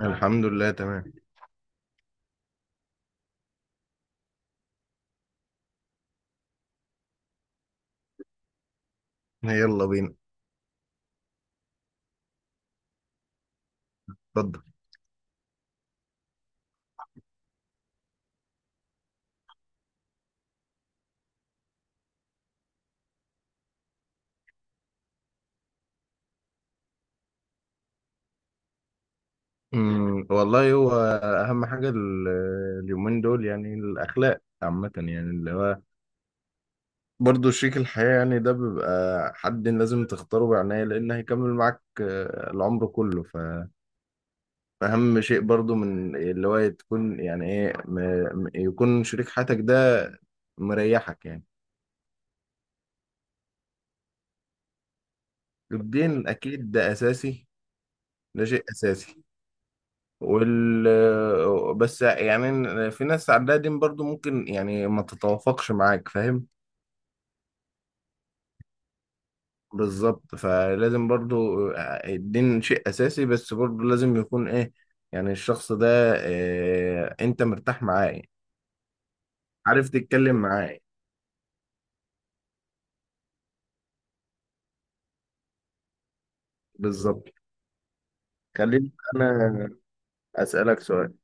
الحمد لله، تمام. يلا بينا. اتفضل. والله هو اهم حاجه اليومين دول يعني الاخلاق عامه، يعني اللي هو برضه شريك الحياه، يعني ده بيبقى حد لازم تختاره بعناية لان هيكمل معاك العمر كله. فاهم شيء برضه من اللي هو تكون يعني ايه يكون شريك حياتك ده مريحك يعني. الدين اكيد ده اساسي، ده شيء اساسي وال بس يعني في ناس عندها دين برضو ممكن يعني ما تتوافقش معاك، فاهم. بالظبط فلازم برضو الدين شيء أساسي، بس برضو لازم يكون إيه، يعني الشخص ده إيه، أنت مرتاح معاه، عارف تتكلم معاه. بالظبط. خليني أنا أسألك سؤال.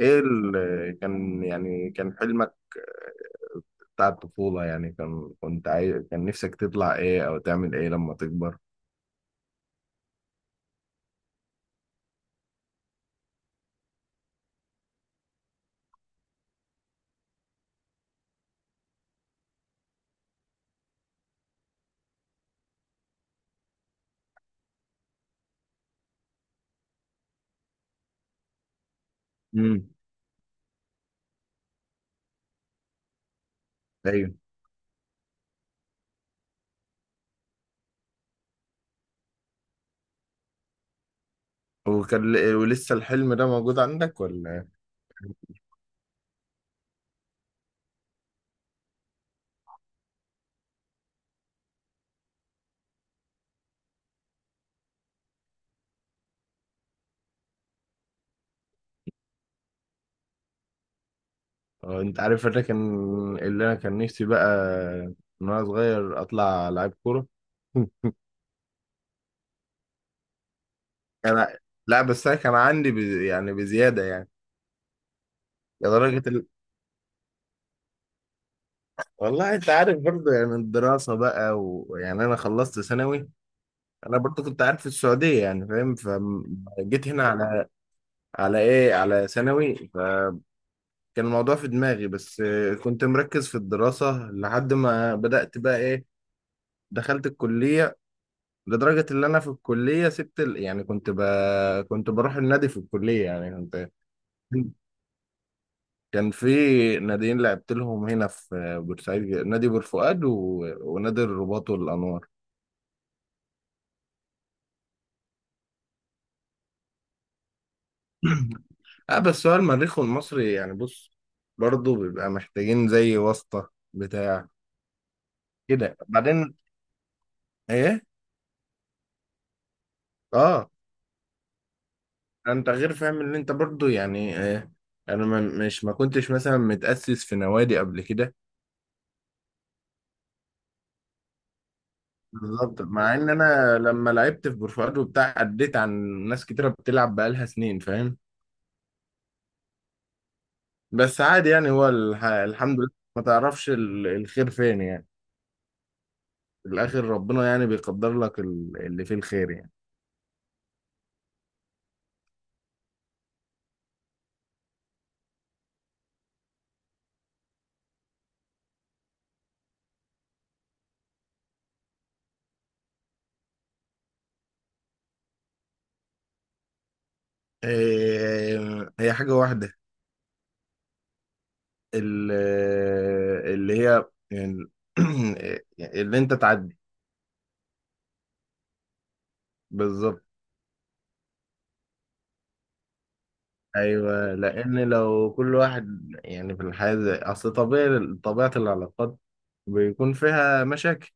إيه كان يعني كان حلمك بتاع الطفولة، يعني كان كنت عايز كان نفسك تطلع إيه أو تعمل إيه لما تكبر؟ امم. وكان ولسه الحلم ده موجود عندك ولا؟ انت عارف انا كان اللي انا كان نفسي بقى من وانا صغير اطلع لعيب كوره. انا لا بس انا كان عندي يعني بزياده يعني لدرجه. والله انت عارف برضه يعني الدراسه بقى، ويعني انا خلصت ثانوي. انا برضه كنت قاعد في السعوديه يعني فاهم، فجيت هنا على ايه، على ثانوي، فكان الموضوع في دماغي، بس كنت مركز في الدراسه لحد ما بدات بقى ايه، دخلت الكليه. لدرجة إن أنا في الكلية سبت. يعني كنت بروح النادي في الكلية يعني، كنت، كان في ناديين لعبت لهم هنا في بورسعيد، نادي بورفؤاد ونادي الرباط والأنوار. اه، بس هو المريخ والمصري يعني بص، برضه بيبقى محتاجين زي واسطة بتاع، كده بعدين. ايه. اه. انت غير فاهم ان انت برضه يعني إيه؟ انا ما كنتش مثلا متأسس في نوادي قبل كده. بالظبط، مع ان انا لما لعبت في برفوات وبتاع عديت عن ناس كتيره بتلعب بقالها سنين فاهم. بس عادي يعني هو الحمد لله، ما تعرفش الخير فين يعني. في الاخر ربنا يعني بيقدر لك اللي فيه الخير يعني. إيه، هي حاجه واحده ال... اللي هي ال... اللي انت تعدي. بالظبط. ايوه، لان لو كل واحد يعني في الحياه اصل طبيعي، طبيعه العلاقات بيكون فيها مشاكل.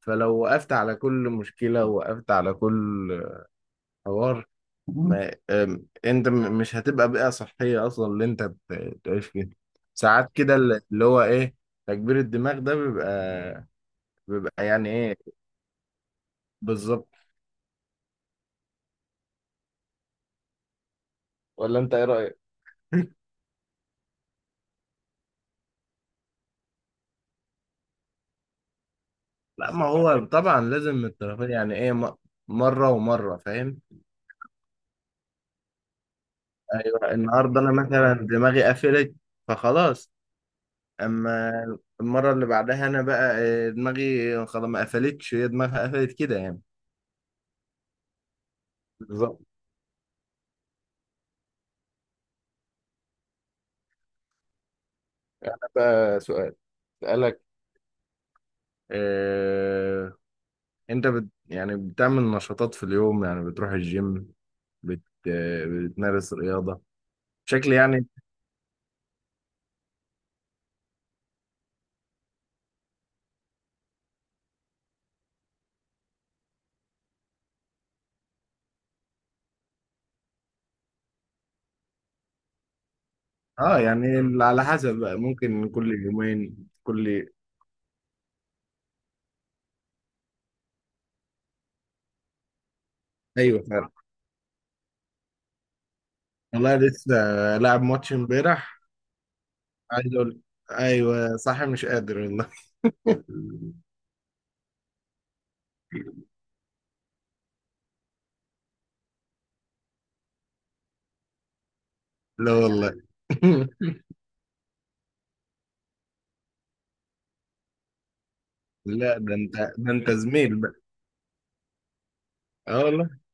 فلو وقفت على كل مشكلة ووقفت على كل حوار، ما أم- انت مش هتبقى بيئة صحية اصلا اللي انت بتعيش فيها. ساعات كده اللي هو ايه، تكبير الدماغ ده بيبقى، يعني ايه. بالظبط. ولا انت ايه رأيك؟ لا ما هو طبعا لازم الطرفين، يعني ايه مرة ومرة فاهم؟ ايوه النهارده انا مثلا دماغي قفلت، فخلاص. اما المره اللي بعدها انا بقى دماغي خلاص ما قفلتش، هي دماغها قفلت كده يعني. بالظبط. ده بقى سؤال سألك. آه، انت يعني بتعمل نشاطات في اليوم، يعني بتروح الجيم، بت بتمارس رياضة بشكل يعني. اه يعني على حسب بقى، ممكن كل يومين كل. ايوه فعلا. والله لسه لاعب ماتش امبارح، عايز اقول، ايوه صح مش قادر والله. لا والله. لا ده انت زميل بقى. اه والله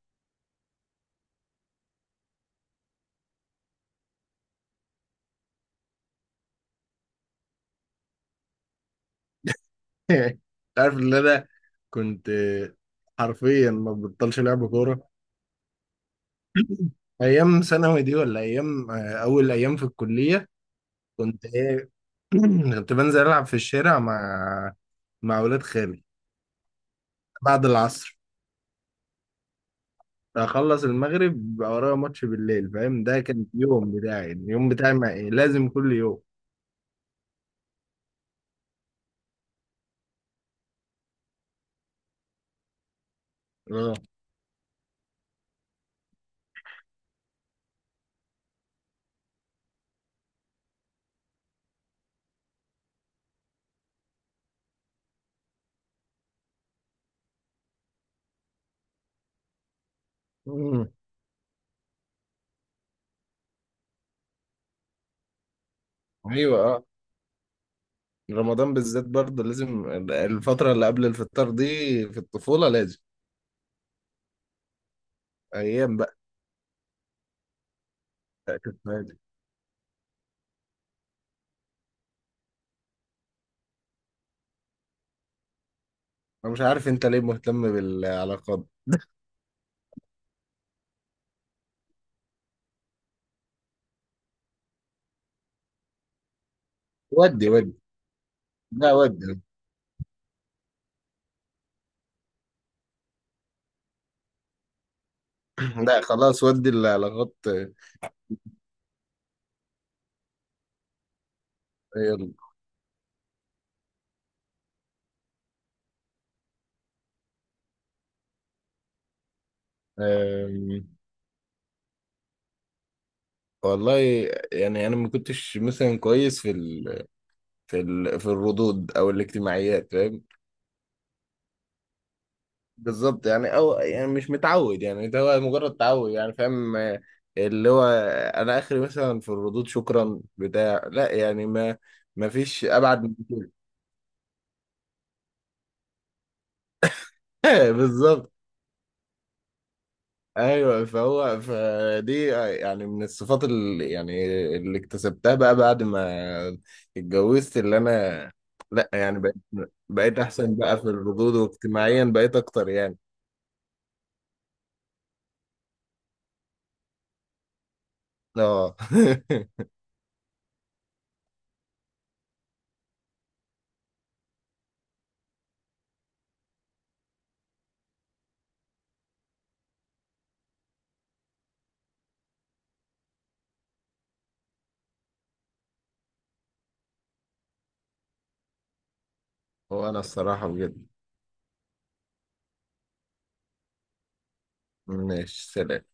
انت عارف ان انا كنت حرفيا ما ببطلش لعب كوره. ايام ثانوي دي ولا ايام اول ايام في الكليه، كنت ايه. كنت بنزل العب في الشارع مع اولاد خالي بعد العصر. اخلص المغرب بقى ورايا ماتش بالليل فاهم، ده كان اليوم بتاعي، اليوم بتاعي مع إيه؟ لازم كل يوم. اه. أمم. ايوه آه. رمضان بالذات برضه لازم، الفترة اللي قبل الفطار دي في الطفولة لازم أيام بقى. كانت معايا. أنا مش عارف أنت ليه مهتم بالعلاقات. ودي لا ودي. لا خلاص، ودي العلاقات. يلا. أم، والله يعني أنا ما كنتش مثلا كويس في الردود أو الاجتماعيات فاهم. بالظبط يعني، او يعني مش متعود يعني، ده هو مجرد تعود يعني فاهم اللي هو انا اخري مثلا في الردود شكرا بتاع لا، يعني ما فيش ابعد من كده. بالظبط. ايوه فهو فدي يعني من الصفات اللي يعني اللي اكتسبتها بقى بعد ما اتجوزت اللي انا، لا يعني بقيت احسن بقى في الردود، واجتماعيا بقيت اكتر يعني. اه وانا الصراحة بجد. ماشي، سلام.